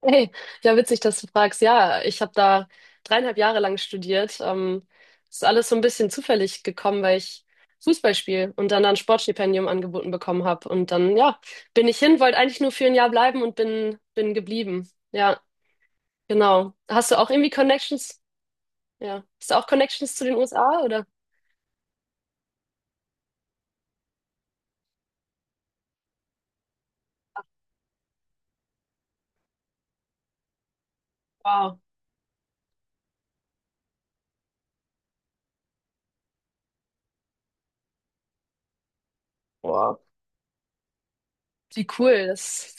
Hey, ja, witzig, dass du fragst. Ja, ich habe da 3,5 Jahre lang studiert. Ist alles so ein bisschen zufällig gekommen, weil ich Fußball spiele und dann ein Sportstipendium angeboten bekommen habe. Und dann, ja, bin ich hin, wollte eigentlich nur für 1 Jahr bleiben und bin geblieben. Ja, genau. Hast du auch irgendwie Connections? Ja. Hast du auch Connections zu den USA oder? Wow. Wow. Wie cool. Das,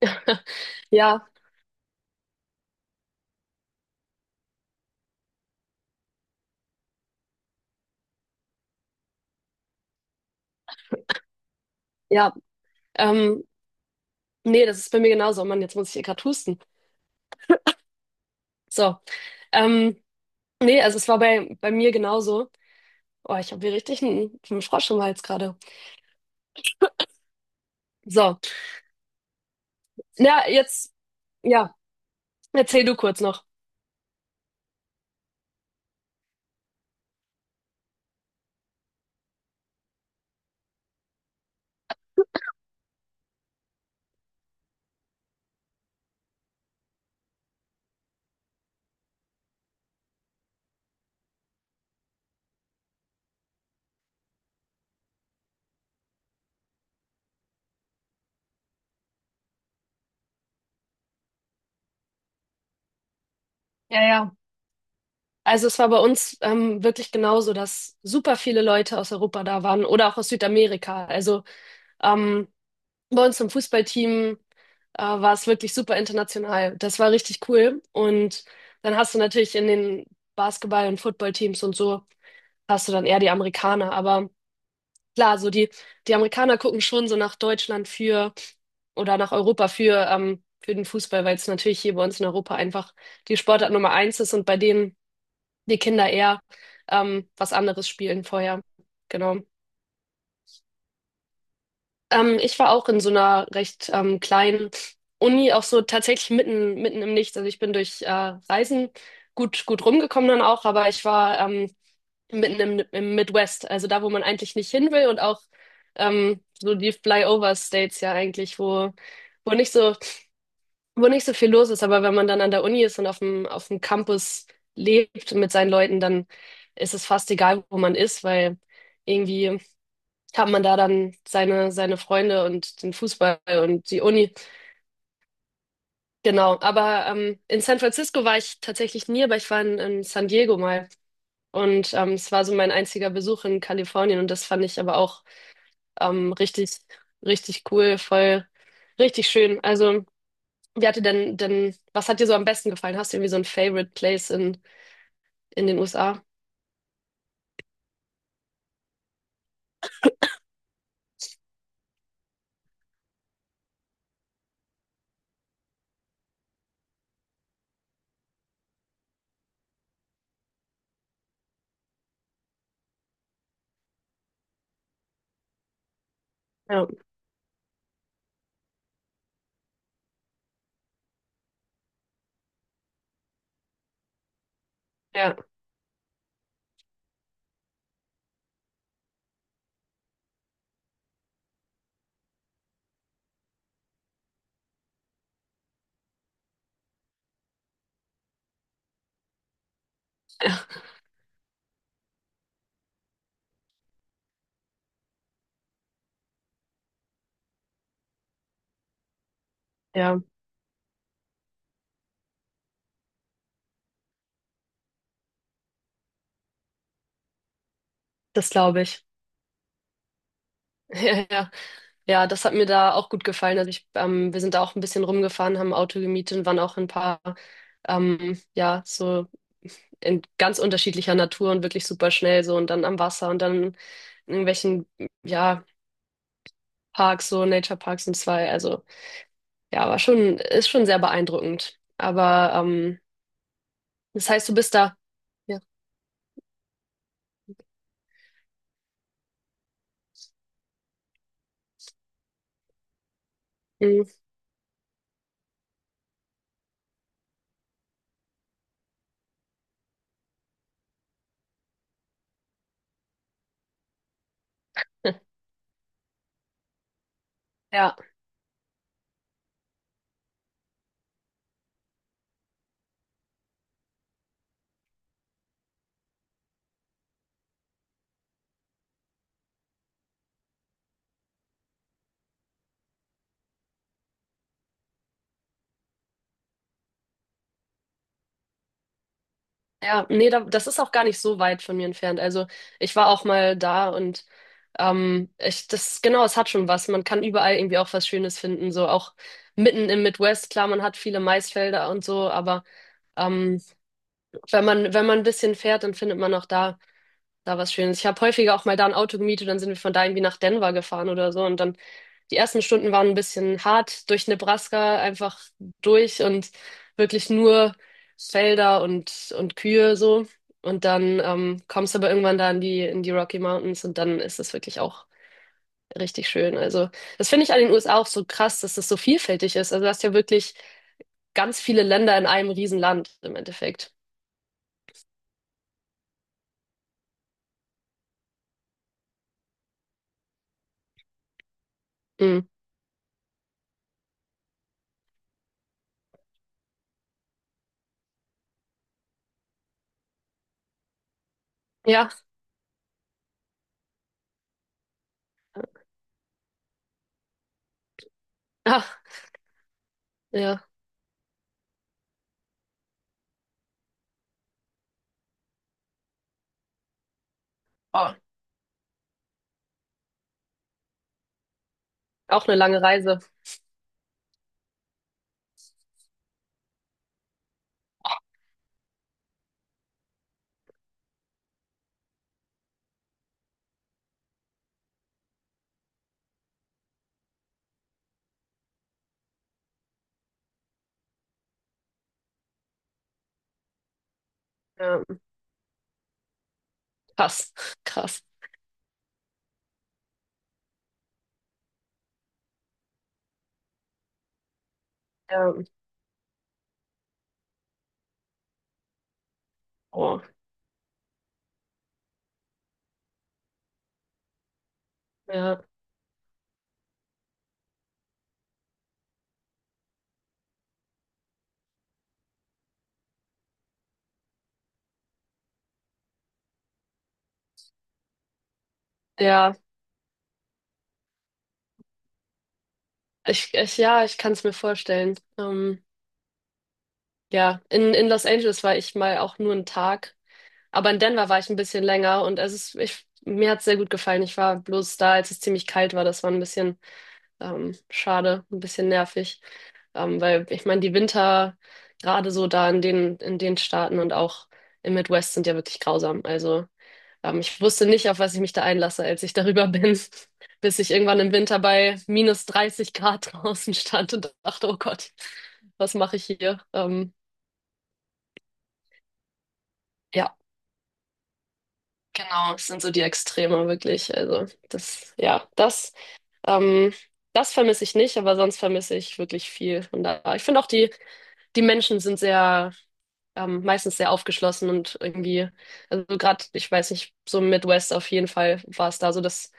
ja, ja. Ähm, Nee, das ist bei mir genauso. Oh Mann, jetzt muss ich hier gerade husten. So. Ähm, Nee, also es war bei mir genauso. Oh, ich habe hier richtig einen Frosch im Hals gerade. So, na, jetzt, ja, erzähl du kurz noch. Ja, ja. Also es war bei uns wirklich genauso, dass super viele Leute aus Europa da waren oder auch aus Südamerika. Also ähm, bei uns im Fußballteam war es wirklich super international. Das war richtig cool. Und dann hast du natürlich in den Basketball- und Footballteams und so, hast du dann eher die Amerikaner. Aber klar, so die, die Amerikaner gucken schon so nach Deutschland für oder nach Europa für den Fußball, weil es natürlich hier bei uns in Europa einfach die Sportart Nummer eins ist und bei denen die Kinder eher was anderes spielen vorher. Genau. Ich war auch in so einer recht kleinen Uni, auch so tatsächlich mitten im Nichts. Also ich bin durch Reisen gut rumgekommen dann auch, aber ich war mitten im Midwest, also da, wo man eigentlich nicht hin will und auch so die Flyover-States ja eigentlich, wo nicht so, wo nicht so viel los ist. Aber wenn man dann an der Uni ist und auf dem Campus lebt mit seinen Leuten, dann ist es fast egal, wo man ist, weil irgendwie hat man da dann seine Freunde und den Fußball und die Uni. Genau. Aber in San Francisco war ich tatsächlich nie, aber ich war in San Diego mal. Und es war so mein einziger Besuch in Kalifornien und das fand ich aber auch richtig, richtig cool, voll, richtig schön. Also, wie hat dir denn, was hat dir so am besten gefallen? Hast du irgendwie so ein Favorite Place in den USA? Ja, ja, ja, das glaube ich. Ja, ja, ja, das hat mir da auch gut gefallen. Also ich, wir sind da auch ein bisschen rumgefahren, haben ein Auto gemietet und waren auch in ein paar, ja, so in ganz unterschiedlicher Natur und wirklich super schnell so und dann am Wasser und dann in irgendwelchen, ja, Parks, so Nature Parks und zwei. Also ja, aber schon, ist schon sehr beeindruckend. Aber das heißt, du bist da. Ja. Mhm. Ja, ja, nee, da, das ist auch gar nicht so weit von mir entfernt. Also ich war auch mal da und ich, das, genau, es hat schon was. Man kann überall irgendwie auch was Schönes finden. So auch mitten im Midwest, klar, man hat viele Maisfelder und so, aber ähm, wenn man, wenn man ein bisschen fährt, dann findet man auch da da war es schön. Ich habe häufiger auch mal da ein Auto gemietet, dann sind wir von da irgendwie nach Denver gefahren oder so. Und dann die ersten Stunden waren ein bisschen hart durch Nebraska, einfach durch und wirklich nur Felder und Kühe so. Und dann kommst du aber irgendwann da in die Rocky Mountains und dann ist es wirklich auch richtig schön. Also das finde ich an den USA auch so krass, dass das so vielfältig ist. Also du hast ja wirklich ganz viele Länder in einem Riesenland im Endeffekt. Mhm. Ja, ach, ja, oh, auch eine lange Reise. Ja. Krass, krass. Ja, oh, ja, ja, ich, ja, ich kann es mir vorstellen. Ja, in Los Angeles war ich mal auch nur 1 Tag, aber in Denver war ich ein bisschen länger und es ist, ich, mir hat es sehr gut gefallen. Ich war bloß da, als es ziemlich kalt war. Das war ein bisschen schade, ein bisschen nervig, weil ich meine, die Winter gerade so da in den Staaten und auch im Midwest sind ja wirklich grausam. Also ähm, ich wusste nicht, auf was ich mich da einlasse, als ich darüber bin, bis ich irgendwann im Winter bei minus 30 Grad draußen stand und dachte, oh Gott, was mache ich hier? Ja, genau, es sind so die Extreme wirklich. Also das, ja, das, ähm, das vermisse ich nicht, aber sonst vermisse ich wirklich viel. Und da, ich finde auch die, die Menschen sind sehr, meistens sehr aufgeschlossen und irgendwie, also gerade, ich weiß nicht, so im Midwest auf jeden Fall war es da so, dass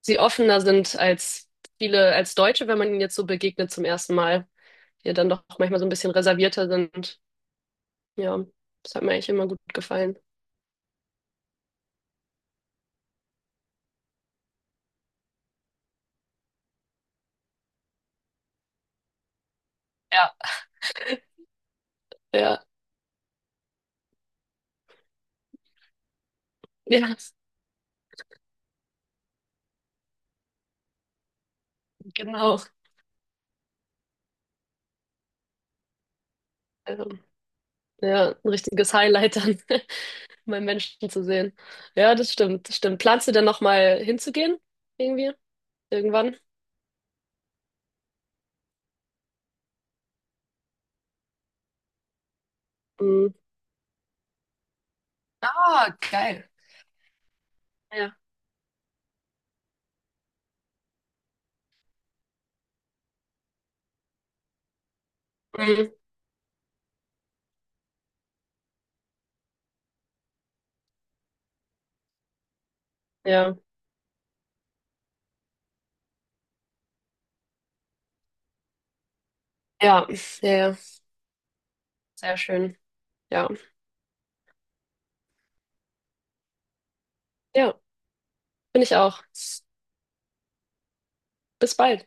sie offener sind als viele, als Deutsche, wenn man ihnen jetzt so begegnet zum ersten Mal, die ja dann doch manchmal so ein bisschen reservierter sind. Ja, das hat mir eigentlich immer gut gefallen. Ja, ja, ja, genau. Also, ja, ein richtiges Highlight dann, mal Menschen zu sehen. Ja, das stimmt, das stimmt. Planst du denn nochmal hinzugehen? Irgendwie? Irgendwann? Mhm. Ah, geil. Ja. Mhm. Ja, ja, ja, ja. Sehr schön. Ja, ja, bin ich auch. Bis bald.